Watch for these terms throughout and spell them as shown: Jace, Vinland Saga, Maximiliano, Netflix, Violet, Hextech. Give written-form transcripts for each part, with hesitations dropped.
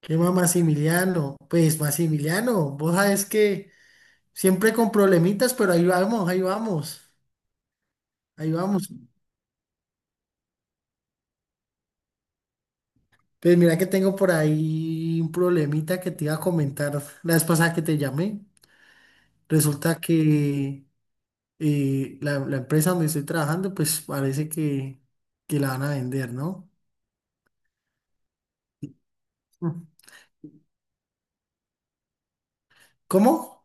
¿Qué más, Maximiliano? Pues, Maximiliano, vos sabes que siempre con problemitas, pero ahí vamos, ahí vamos, ahí vamos. Pues mira que tengo por ahí un problemita que te iba a comentar la vez pasada que te llamé. Resulta que la empresa donde estoy trabajando, pues parece que la van a vender, ¿no? Mm. ¿Cómo?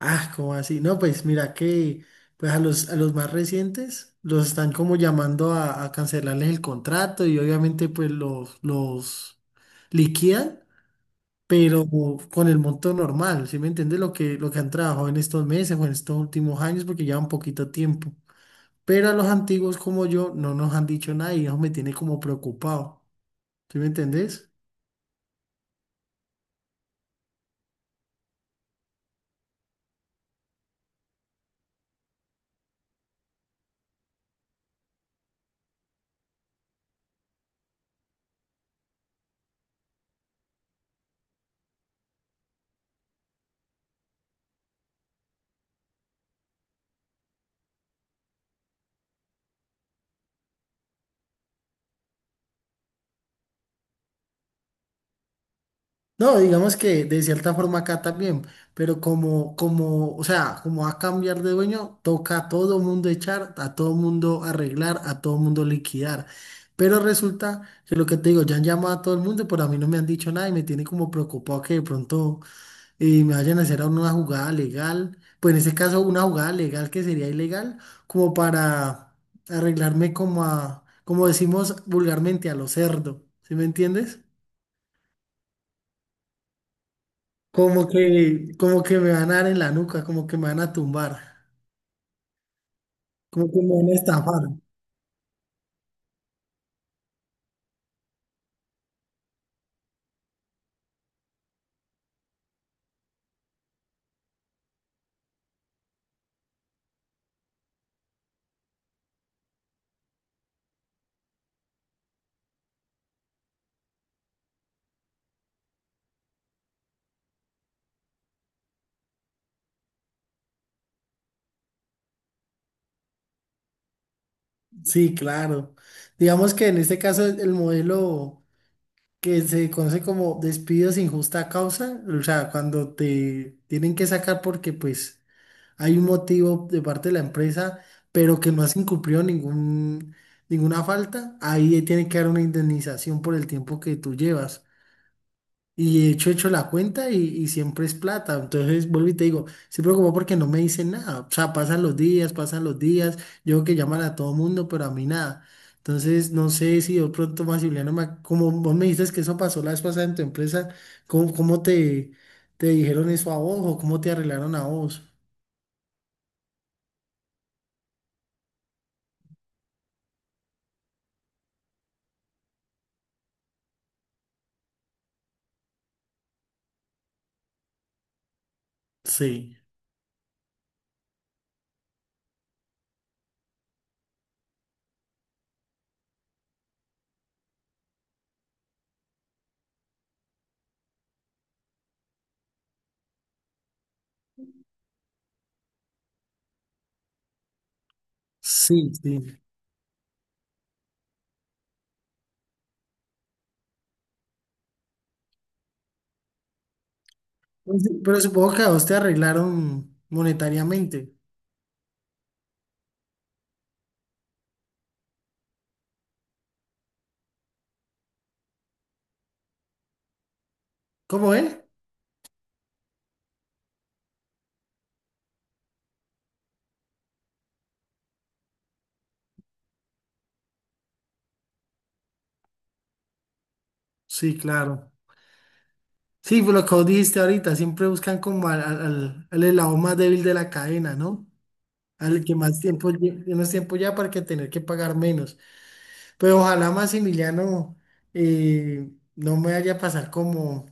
Ah, ¿cómo así? No, pues mira que pues a los más recientes los están como llamando a cancelarles el contrato y obviamente pues los liquidan, pero con el monto normal, ¿sí me entiendes? Lo que han trabajado en estos meses o en estos últimos años porque llevan poquito tiempo. Pero a los antiguos como yo no nos han dicho nada y eso me tiene como preocupado, ¿sí me entendés? No, digamos que de cierta forma acá también, pero como va a cambiar de dueño, toca a todo mundo echar, a todo mundo arreglar, a todo mundo liquidar. Pero resulta que lo que te digo, ya han llamado a todo el mundo, pero a mí no me han dicho nada y me tiene como preocupado que de pronto me vayan a hacer una jugada legal, pues en ese caso una jugada legal que sería ilegal, como para arreglarme como a, como decimos vulgarmente, a lo cerdo, ¿sí me entiendes? Como que me van a dar en la nuca, como que me van a tumbar, como que me van a estafar. Sí, claro. Digamos que en este caso el modelo que se conoce como despido sin justa causa, o sea, cuando te tienen que sacar porque pues hay un motivo de parte de la empresa, pero que no has incumplido ninguna falta, ahí tiene que dar una indemnización por el tiempo que tú llevas. Y he hecho la cuenta y siempre es plata. Entonces vuelvo y te digo, se preocupa porque no me dicen nada. O sea, pasan los días, pasan los días. Yo creo que llaman a todo mundo, pero a mí nada. Entonces, no sé si de pronto Maximiliano, como vos me dices que eso pasó la vez pasada en tu empresa, ¿ cómo te, te dijeron eso a vos o cómo te arreglaron a vos? Sí, sí, sí. Pues, sí, pero supongo que a vos te arreglaron monetariamente. ¿Cómo es? Sí, claro. Sí, pues lo que vos dijiste ahorita, siempre buscan como al eslabón más débil de la cadena, ¿no? Al que más tiempo, menos tiempo ya para que tener que pagar menos. Pero ojalá Maximiliano eh, no me vaya a pasar como, o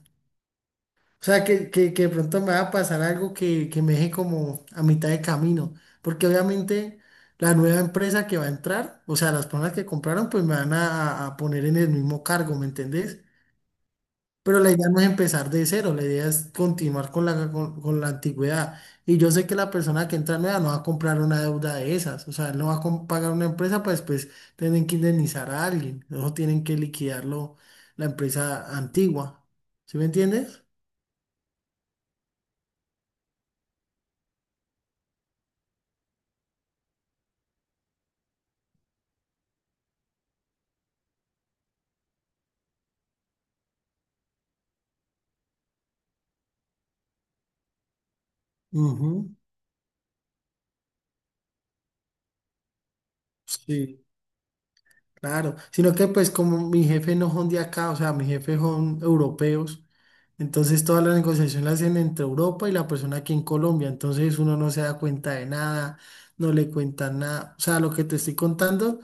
sea, que de pronto me va a pasar algo que me deje como a mitad de camino, porque obviamente la nueva empresa que va a entrar, o sea, las personas que compraron, pues me van a poner en el mismo cargo, ¿me entendés? Pero la idea no es empezar de cero, la idea es continuar con con la antigüedad. Y yo sé que la persona que entra nueva no va a comprar una deuda de esas, o sea, él no va a pagar una empresa para después tienen que indemnizar a alguien, no tienen que liquidarlo la empresa antigua. ¿Sí me entiendes? Ujú. Sí, claro, sino que pues como mi jefe no son de acá, o sea, mi jefe son europeos, entonces toda la negociación la hacen entre Europa y la persona aquí en Colombia, entonces uno no se da cuenta de nada, no le cuentan nada, o sea, lo que te estoy contando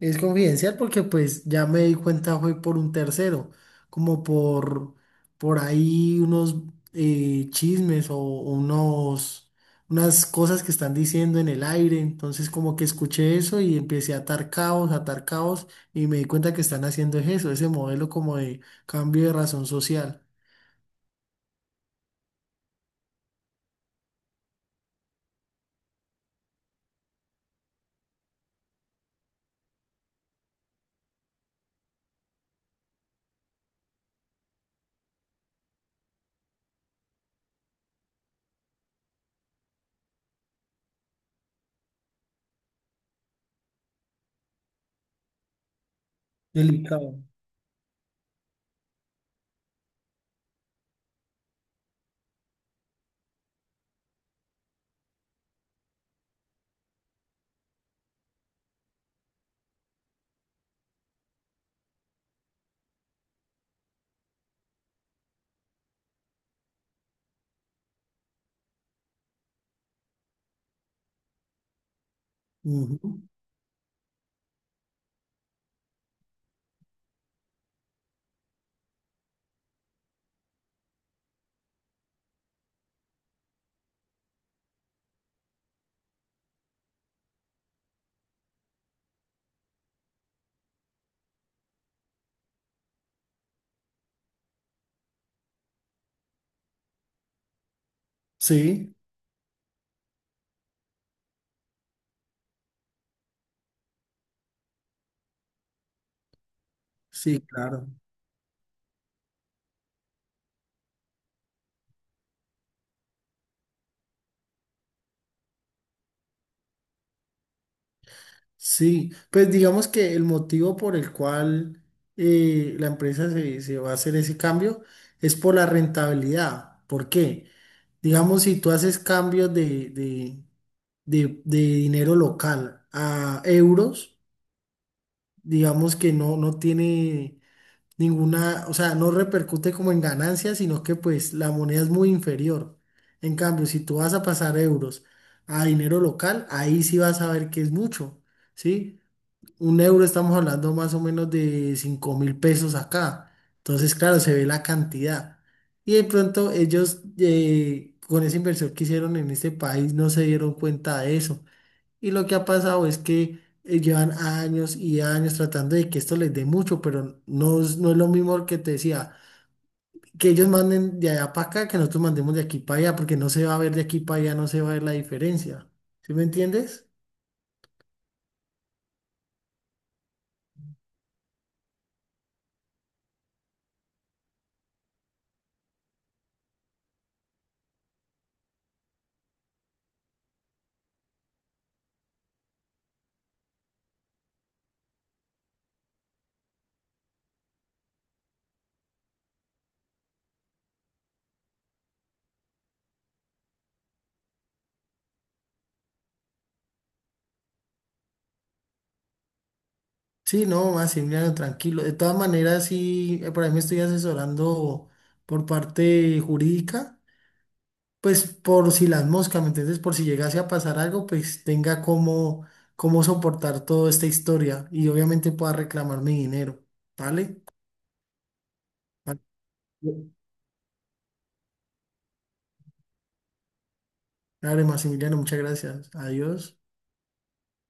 es confidencial porque pues ya me di cuenta fue por un tercero, como por ahí unos chismes o unas cosas que están diciendo en el aire. Entonces como que escuché eso y empecé a atar caos y me di cuenta que están haciendo es eso, ese modelo como de cambio de razón social. Delicado. Ujú. Sí, sí, claro. Sí, pues digamos que el motivo por el cual la empresa se va a hacer ese cambio es por la rentabilidad. ¿Por qué? Digamos, si tú haces cambios de dinero local a euros, digamos que no, no tiene ninguna, o sea, no repercute como en ganancias, sino que pues la moneda es muy inferior. En cambio, si tú vas a pasar euros a dinero local, ahí sí vas a ver que es mucho, ¿sí? Un euro estamos hablando más o menos de 5000 pesos acá. Entonces, claro, se ve la cantidad. Y de pronto ellos con esa inversión que hicieron en este país no se dieron cuenta de eso. Y lo que ha pasado es que llevan años y años tratando de que esto les dé mucho, pero no, no es lo mismo que te decía, que ellos manden de allá para acá, que nosotros mandemos de aquí para allá, porque no se va a ver de aquí para allá, no se va a ver la diferencia. ¿Sí me entiendes? Sí, no, Maximiliano, tranquilo. De todas maneras, sí, por ahí me estoy asesorando por parte jurídica, pues por si las moscas, ¿me entiendes? Por si llegase a pasar algo, pues tenga cómo, cómo soportar toda esta historia y obviamente pueda reclamar mi dinero, ¿vale? Vale, dale, Maximiliano, muchas gracias. Adiós.